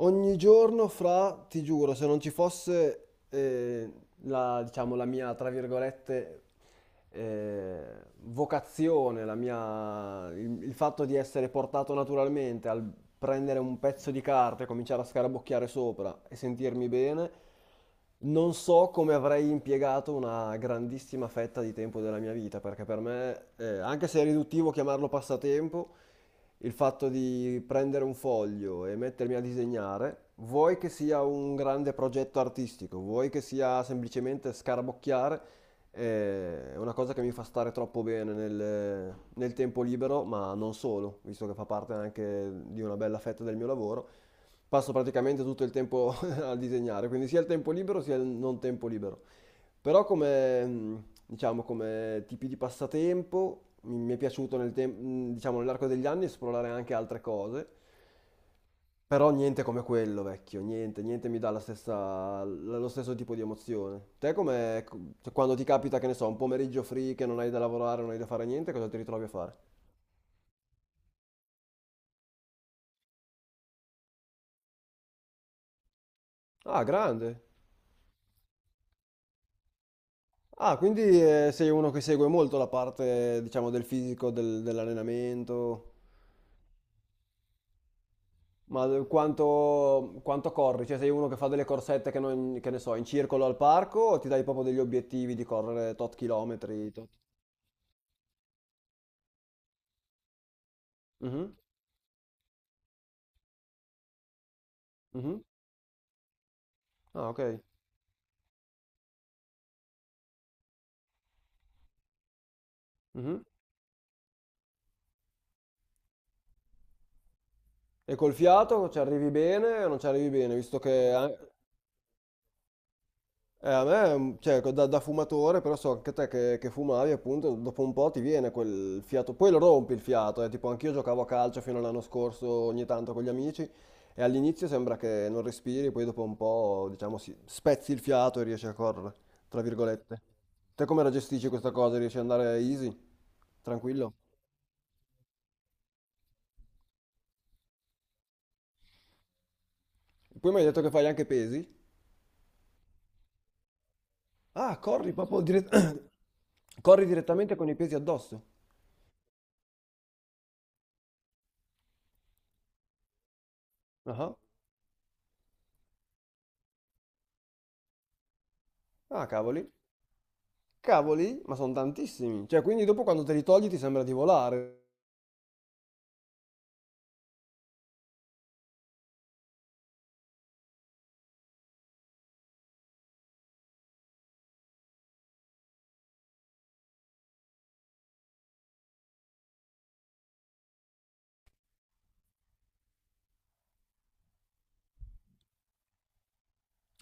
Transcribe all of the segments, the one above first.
Ogni giorno fra, ti giuro, se non ci fosse la, diciamo, la mia, tra virgolette, eh, vocazione, il fatto di essere portato naturalmente al prendere un pezzo di carta e cominciare a scarabocchiare sopra e sentirmi bene, non so come avrei impiegato una grandissima fetta di tempo della mia vita, perché per me, anche se è riduttivo chiamarlo passatempo, il fatto di prendere un foglio e mettermi a disegnare, vuoi che sia un grande progetto artistico, vuoi che sia semplicemente scarabocchiare, è una cosa che mi fa stare troppo bene nel tempo libero, ma non solo, visto che fa parte anche di una bella fetta del mio lavoro. Passo praticamente tutto il tempo a disegnare, quindi sia il tempo libero sia il non tempo libero. Però come, diciamo, come tipi di passatempo mi è piaciuto diciamo, nell'arco degli anni esplorare anche altre cose, però niente come quello, vecchio, niente, niente mi dà la stessa, lo stesso tipo di emozione. Te come, ecco, cioè, quando ti capita, che ne so, un pomeriggio free che non hai da lavorare, non hai da fare niente, cosa ti ritrovi a fare? Ah, grande. Ah, quindi sei uno che segue molto la parte, diciamo, del fisico, dell'allenamento. Ma quanto, quanto corri? Cioè sei uno che fa delle corsette che, che ne so, in circolo al parco o ti dai proprio degli obiettivi di correre tot chilometri? Tot... Mhm, mhm. Ah, ok. Mhm. E col fiato ci arrivi bene o non ci arrivi bene, visto che... eh? A me, cioè, da fumatore, però so anche te che fumavi, appunto, dopo un po' ti viene quel fiato, poi lo rompi il fiato, tipo anch'io giocavo a calcio fino all'anno scorso ogni tanto con gli amici e all'inizio sembra che non respiri, poi dopo un po', diciamo, spezzi il fiato e riesci a correre, tra virgolette. Te come la gestisci questa cosa? Riesci ad andare easy? Tranquillo? Poi mi hai detto che fai anche pesi? Ah, corri direttamente con i pesi addosso? Ah, ah, cavoli. Cavoli, ma sono tantissimi. Cioè, quindi dopo quando te li togli ti sembra di volare.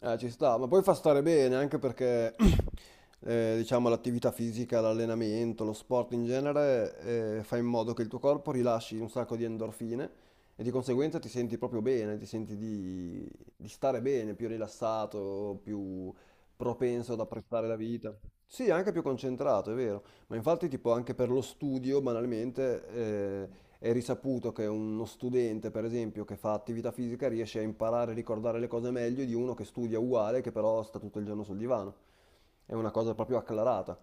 Ci sta, ma poi fa stare bene anche perché, diciamo, l'attività fisica, l'allenamento, lo sport in genere, fa in modo che il tuo corpo rilasci un sacco di endorfine e di conseguenza ti senti proprio bene, ti senti di stare bene, più rilassato, più propenso ad apprezzare la vita. Sì, anche più concentrato, è vero. Ma infatti, tipo, anche per lo studio, banalmente, è risaputo che uno studente, per esempio, che fa attività fisica riesce a imparare e ricordare le cose meglio di uno che studia uguale, che però sta tutto il giorno sul divano. È una cosa proprio acclarata.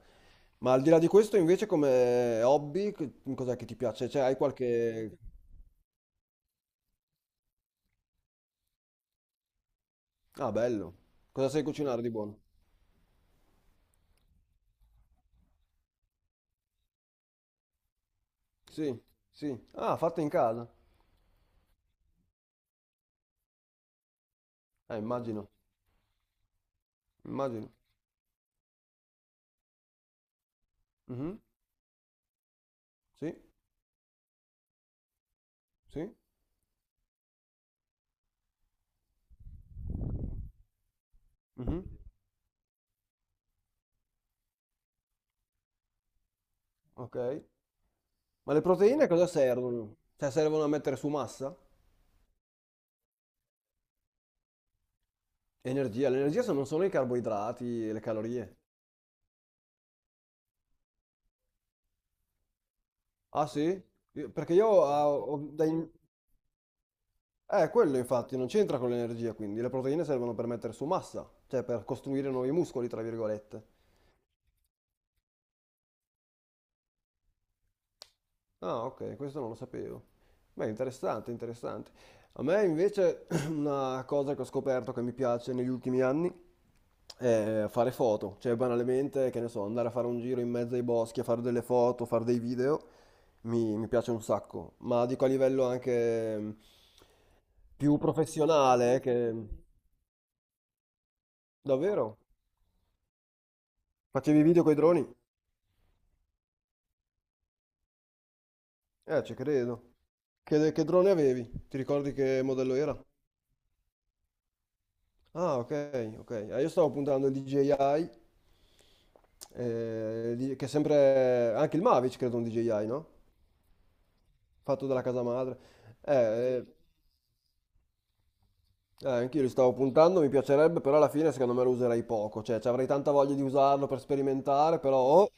Ma al di là di questo, invece, come hobby, cos'è che ti piace? Cioè, hai qualche... Ah, bello. Cosa sai cucinare di buono? Sì, sì. Ah, fatta in casa. Immagino, immagino. Mhm, sì, sì. Mhm, ok. Ma le proteine cosa servono? Cioè, servono a mettere su massa? Energia, l'energia sono solo i carboidrati e le calorie. Ah sì? Perché io. Quello infatti, non c'entra con l'energia, quindi le proteine servono per mettere su massa, cioè per costruire nuovi muscoli, tra virgolette. Ah, ok, questo non lo sapevo. Beh, interessante, interessante. A me invece una cosa che ho scoperto che mi piace negli ultimi anni è fare foto, cioè banalmente, che ne so, andare a fare un giro in mezzo ai boschi a fare delle foto, fare dei video. Mi piace un sacco, ma dico a livello anche più professionale, che... Davvero? Facevi video coi droni? Ci credo. Che drone avevi? Ti ricordi che modello era? Ah, ok, ok. Io stavo puntando il DJI, che è sempre... Anche il Mavic, credo, un DJI, no? Fatto dalla casa madre. Eh, eh, Anch'io li stavo puntando, mi piacerebbe, però alla fine secondo me lo userei poco, cioè ci avrei tanta voglia di usarlo per sperimentare, però... oh,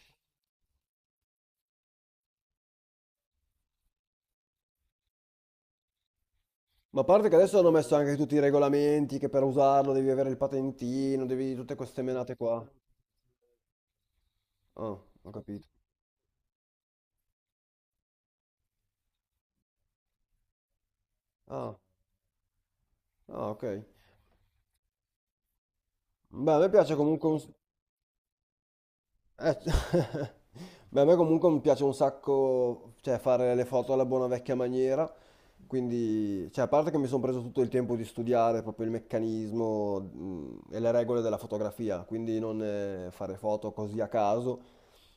ma a parte che adesso hanno messo anche tutti i regolamenti, che per usarlo devi avere il patentino, devi tutte queste menate qua. Ah, ho capito. Ah, ah, ok. Beh, a me piace comunque un... Eh, beh, a me comunque mi piace un sacco, cioè, fare le foto alla buona vecchia maniera, quindi, cioè, a parte che mi sono preso tutto il tempo di studiare proprio il meccanismo, e le regole della fotografia, quindi non fare foto così a caso,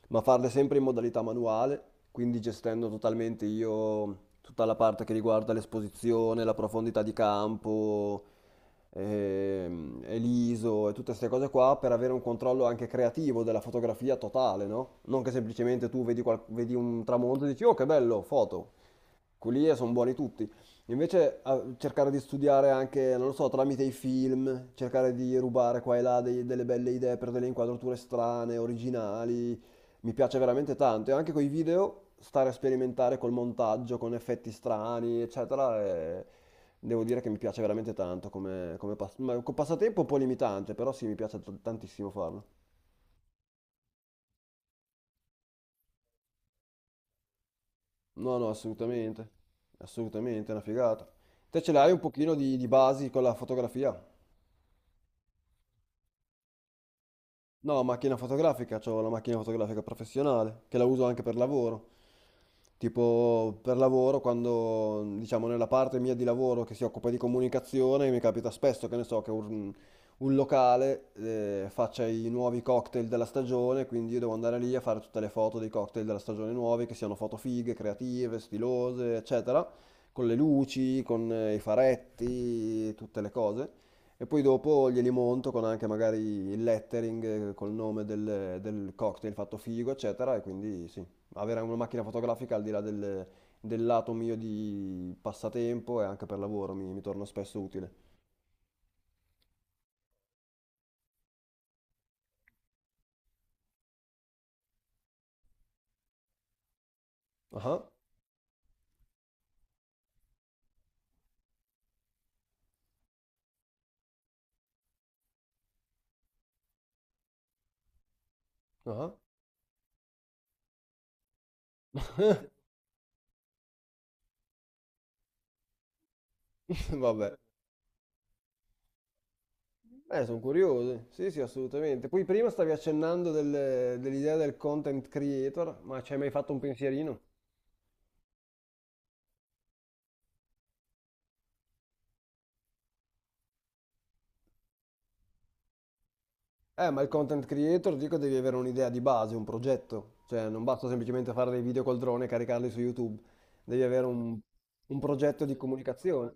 ma farle sempre in modalità manuale, quindi gestendo totalmente io tutta la parte che riguarda l'esposizione, la profondità di campo, e l'ISO e tutte queste cose qua per avere un controllo anche creativo della fotografia totale, no? Non che semplicemente tu vedi, vedi un tramonto e dici, oh che bello, foto quelli lì sono buoni tutti. Invece cercare di studiare anche, non lo so, tramite i film, cercare di rubare qua e là delle belle idee per delle inquadrature strane, originali, mi piace veramente tanto. E anche con i video, stare a sperimentare col montaggio, con effetti strani, eccetera, e devo dire che mi piace veramente tanto come, come con passatempo un po' limitante, però sì, mi piace tantissimo farlo. No, no, assolutamente, assolutamente, è una figata. Te ce l'hai un pochino di basi con la fotografia? No, macchina fotografica, ho la macchina fotografica professionale, che la uso anche per lavoro. Tipo per lavoro, quando diciamo nella parte mia di lavoro che si occupa di comunicazione, mi capita spesso che ne so che un, locale faccia i nuovi cocktail della stagione, quindi io devo andare lì a fare tutte le foto dei cocktail della stagione nuovi, che siano foto fighe, creative, stilose, eccetera, con le luci, con i faretti, tutte le cose. E poi dopo glieli monto con anche magari il lettering col nome del cocktail fatto figo, eccetera, e quindi sì avere una macchina fotografica al di là del, del lato mio di passatempo e anche per lavoro mi, mi torna spesso utile. Ah, ah, vabbè. Sono curioso. Sì, sì, assolutamente. Poi prima stavi accennando dell'idea del content creator, ma ci hai mai fatto un pensierino? Ma il content creator, dico, devi avere un'idea di base, un progetto. Cioè, non basta semplicemente fare dei video col drone e caricarli su YouTube. Devi avere un progetto di comunicazione.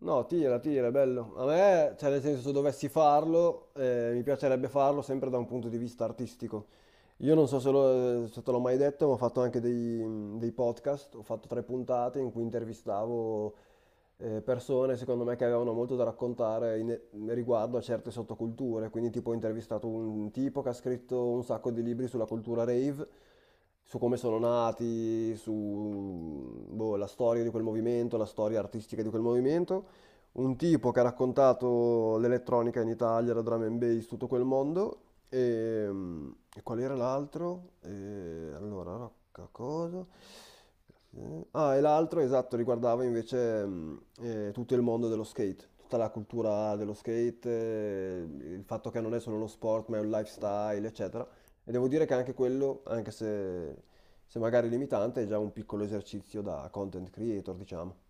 No, tira, tira, è bello. A me, cioè, nel senso, se dovessi farlo, mi piacerebbe farlo sempre da un punto di vista artistico. Io non so se, se te l'ho mai detto, ma ho fatto anche dei podcast, ho fatto tre puntate in cui intervistavo persone, secondo me, che avevano molto da raccontare riguardo a certe sottoculture. Quindi, tipo, ho intervistato un tipo che ha scritto un sacco di libri sulla cultura rave, su come sono nati, su boh, la storia di quel movimento, la storia artistica di quel movimento un tipo che ha raccontato l'elettronica in Italia, la drum and bass, tutto quel mondo. E, e qual era l'altro? E, allora, rocca cosa? Ah, e l'altro, esatto, riguardava invece tutto il mondo dello skate, tutta la cultura dello skate, il fatto che non è solo uno sport, ma è un lifestyle, eccetera. E devo dire che anche quello, anche se, se magari limitante, è già un piccolo esercizio da content creator, diciamo.